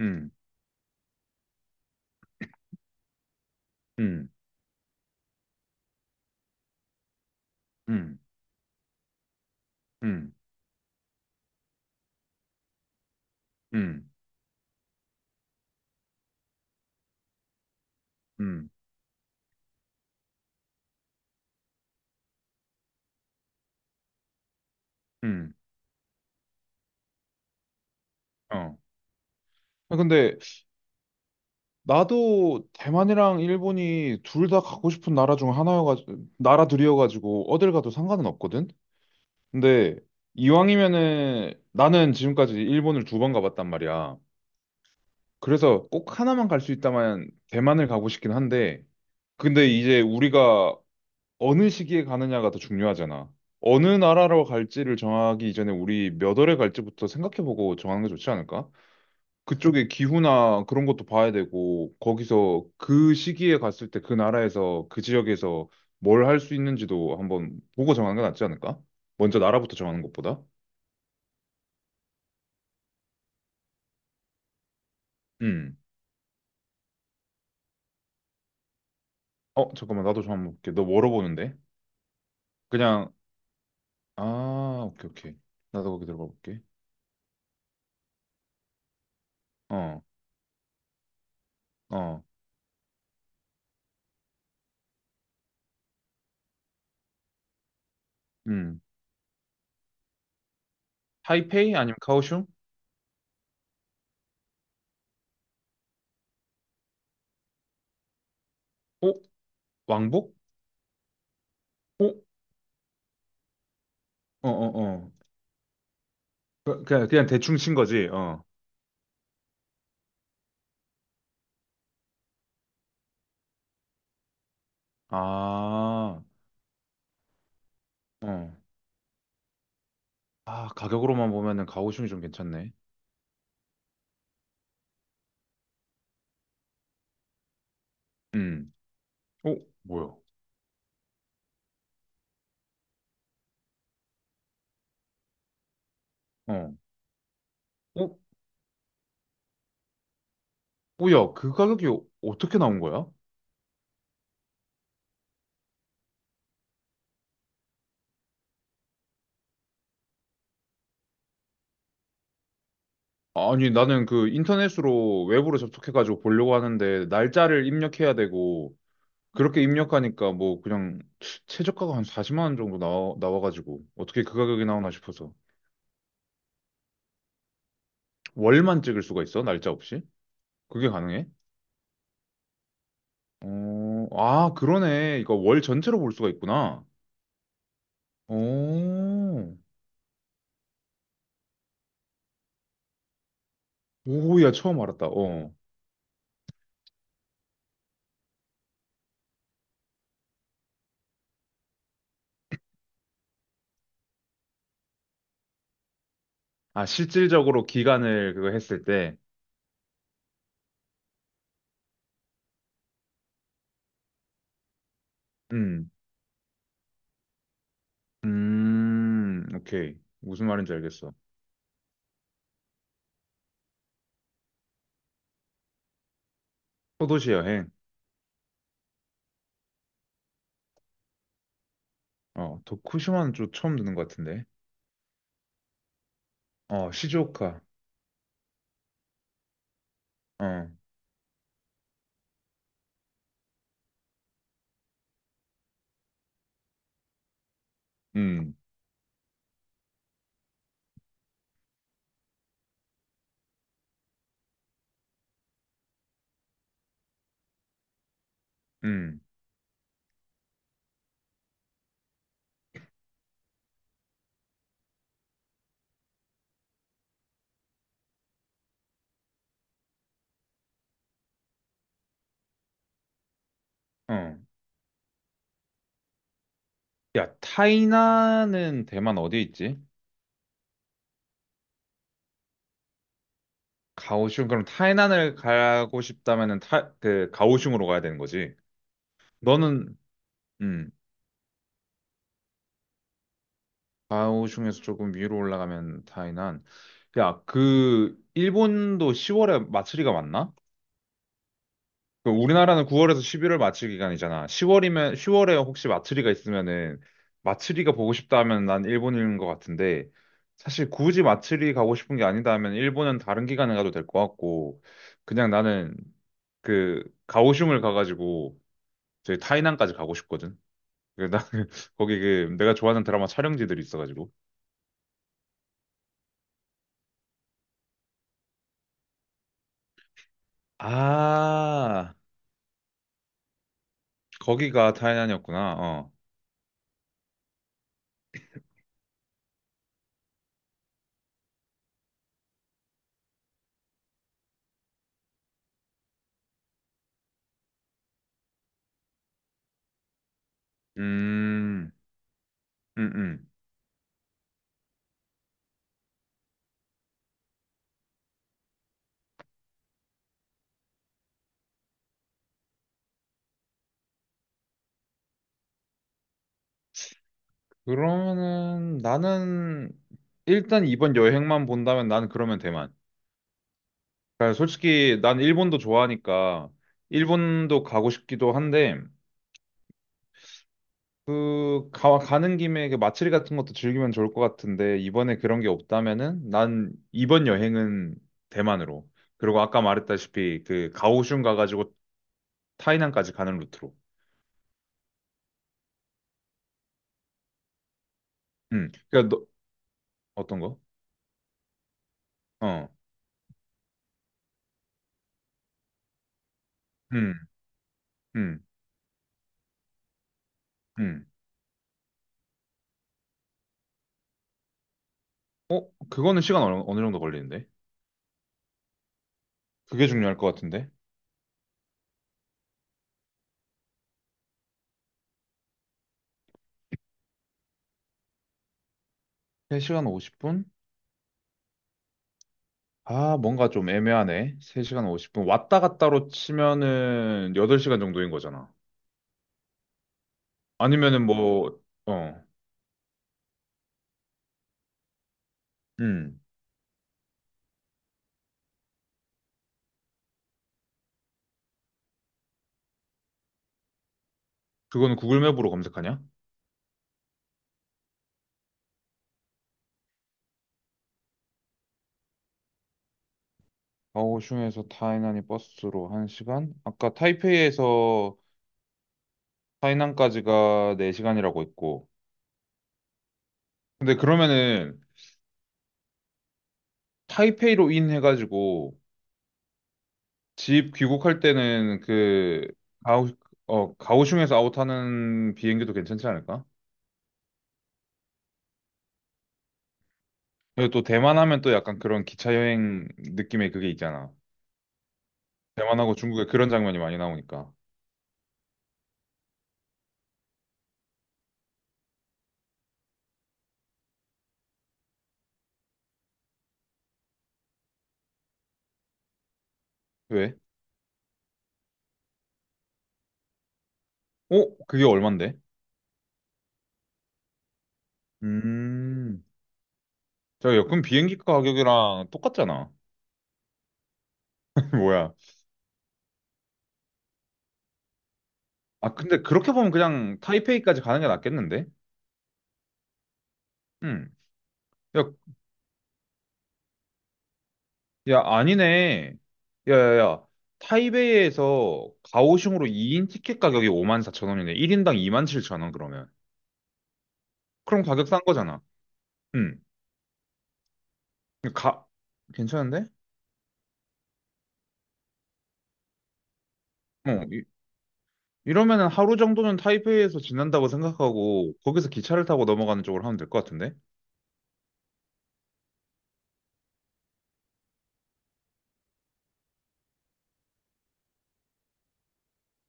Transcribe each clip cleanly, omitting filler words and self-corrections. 음, 음, 음, 음, 음, 음, 음, 어. 아, 근데 나도 대만이랑 일본이 둘 다 가고 싶은 나라 중 하나여가지고 나라들이어가지고 어딜 가도 상관은 없거든. 근데 이왕이면은 나는 지금까지 일본을 두 번 가봤단 말이야. 그래서 꼭 하나만 갈 수 있다면 대만을 가고 싶긴 한데 근데 이제 우리가 어느 시기에 가느냐가 더 중요하잖아. 어느 나라로 갈지를 정하기 이전에 우리 몇 월에 갈지부터 생각해보고 정하는 게 좋지 않을까? 그쪽의 기후나 그런 것도 봐야 되고, 거기서 그 시기에 갔을 때 그 나라에서, 그 지역에서 뭘 할 수 있는지도 한번 보고 정하는 게 낫지 않을까? 먼저 나라부터 정하는 것보다. 음. 어, 잠깐만, 나도 좀 한번 볼게. 너 뭐로 보는데? 그냥, 아, 오케이, 오케이. 나도 거기 들어가 볼게. 어, 어, 음. 타이페이 아니면 카오슝? 어? 왕복? 어? 어, 어, 어. 그냥 대충 친 거지, 어. 아, 어. 아, 가격으로만 보면은 가오슝이 좀 괜찮네. 음. 어, 뭐야? 어. 어, 뭐야? 그 가격이 어떻게 나온 거야? 아니, 나는 그 인터넷으로 웹으로 접속해가지고 보려고 하는데, 날짜를 입력해야 되고, 그렇게 입력하니까 뭐 그냥 최저가가 한 40만 원 정도 나와가지고, 어떻게 그 가격이 나오나 싶어서. 월만 찍을 수가 있어? 날짜 없이? 그게 가능해? 어, 아, 그러네. 이거 월 전체로 볼 수가 있구나. 오, 오야, 처음 알았다. 어. 아, 실질적으로 기간을 그거 했을 때. 음, 오케이. 무슨 말인지 알겠어. 소도시 여행. 어, 도쿠시마는 좀 처음 듣는 것 같은데. 어, 시즈오카. 어, 음, 음, 어. 야, 타이난은 대만 어디에 있지? 가오슝. 그럼 타이난을 가고 싶다면은 타, 그, 가오슝으로 가야 되는 거지. 너는, 음. 좌우 중에서 조금 위로 올라가면 다이난. 야, 그 일본도 10월에 마츠리가 맞나? 그 우리나라는 9월에서 11월 마츠리 기간이잖아. 10월이면 10월에 혹시 마츠리가 있으면은 마츠리가 보고 싶다 하면 난 일본인 것 같은데 사실 굳이 마츠리 가고 싶은 게 아니다 하면 일본은 다른 기간에 가도 될 것 같고 그냥 나는 그 가오슝을 가가지고 저희 타이난까지 가고 싶거든. 그 나 거기 그 내가 좋아하는 드라마 촬영지들이 있어가지고. 아, 거기가 타이난이었구나. 어. 음, 음, 음. 그러면은 나는 일단 이번 여행만 본다면 나는 그러면 대만. 그러니까 솔직히 난 일본도 좋아하니까 일본도 가고 싶기도 한데 그 가는 김에 그 마츠리 같은 것도 즐기면 좋을 것 같은데 이번에 그런 게 없다면은 난 이번 여행은 대만으로. 그리고 아까 말했다시피 그 가오슝 가가지고 타이난까지 가는 루트로. 음. 그러니까 너 어떤 거? 어. 음. 음. 음. 어, 그거는 시간 어느 정도 걸리는데? 그게 중요할 것 같은데? 3시간 50분? 아, 뭔가 좀 애매하네. 3시간 50분. 왔다 갔다로 치면은 8시간 정도인 거잖아. 아니면은 뭐, 어, 음. 그거는 구글 맵으로 검색하냐? 가오슝에서 타이난이 버스로 1시간? 아까 타이페이에서 타이난까지가 4시간이라고 했고. 근데 그러면은 타이페이로 인 해가지고 집 귀국할 때는 그 가오 가오슝에서 아웃하는 비행기도 괜찮지 않을까? 그리고 또 대만 하면 또 약간 그런 기차 여행 느낌의 그게 있잖아. 대만하고 중국에 그런 장면이 많이 나오니까. 왜? 어? 그게 얼만데? 음. 자, 여권 비행기 가격이랑 똑같잖아. 뭐야? 아, 근데 그렇게 보면 그냥 타이페이까지 가는 게 낫겠는데? 음. 야, 야, 아니네. 야, 야, 야. 타이베이에서 가오슝으로 2인 티켓 가격이 5만 사천 원이네. 1인당 2만 칠천 원, 그러면. 그럼 가격 싼 거잖아. 응. 가, 괜찮은데? 어, 이러면은 하루 정도는 타이베이에서 지난다고 생각하고, 거기서 기차를 타고 넘어가는 쪽으로 하면 될 것 같은데?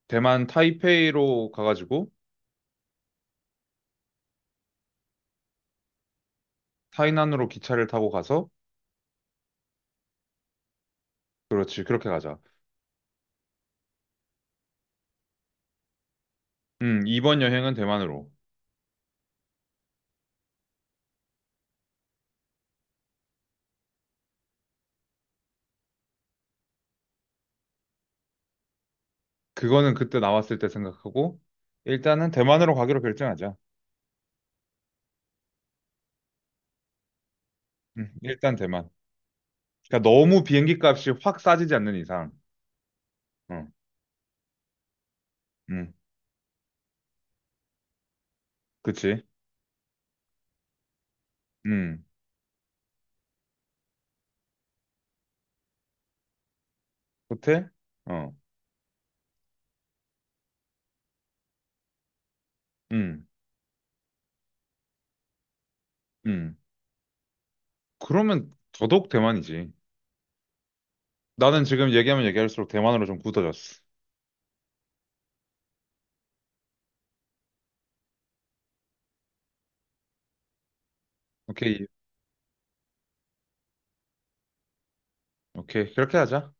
대만 타이페이로 가가지고, 타이난으로 기차를 타고 가서, 그렇지, 그렇게 가자. 이번 여행은 대만으로. 그거는 그때 나왔을 때 생각하고, 일단은 대만으로 가기로 결정하자. 일단 대만. 그러니까 너무 비행기 값이 확 싸지지 않는 이상. 어, 음, 그치? 음, 호텔? 어, 음, 음. 그러면 더더욱 대만이지. 나는 지금 얘기하면 얘기할수록 대만으로 좀 굳어졌어. 오케이, 오케이. 그렇게 하자.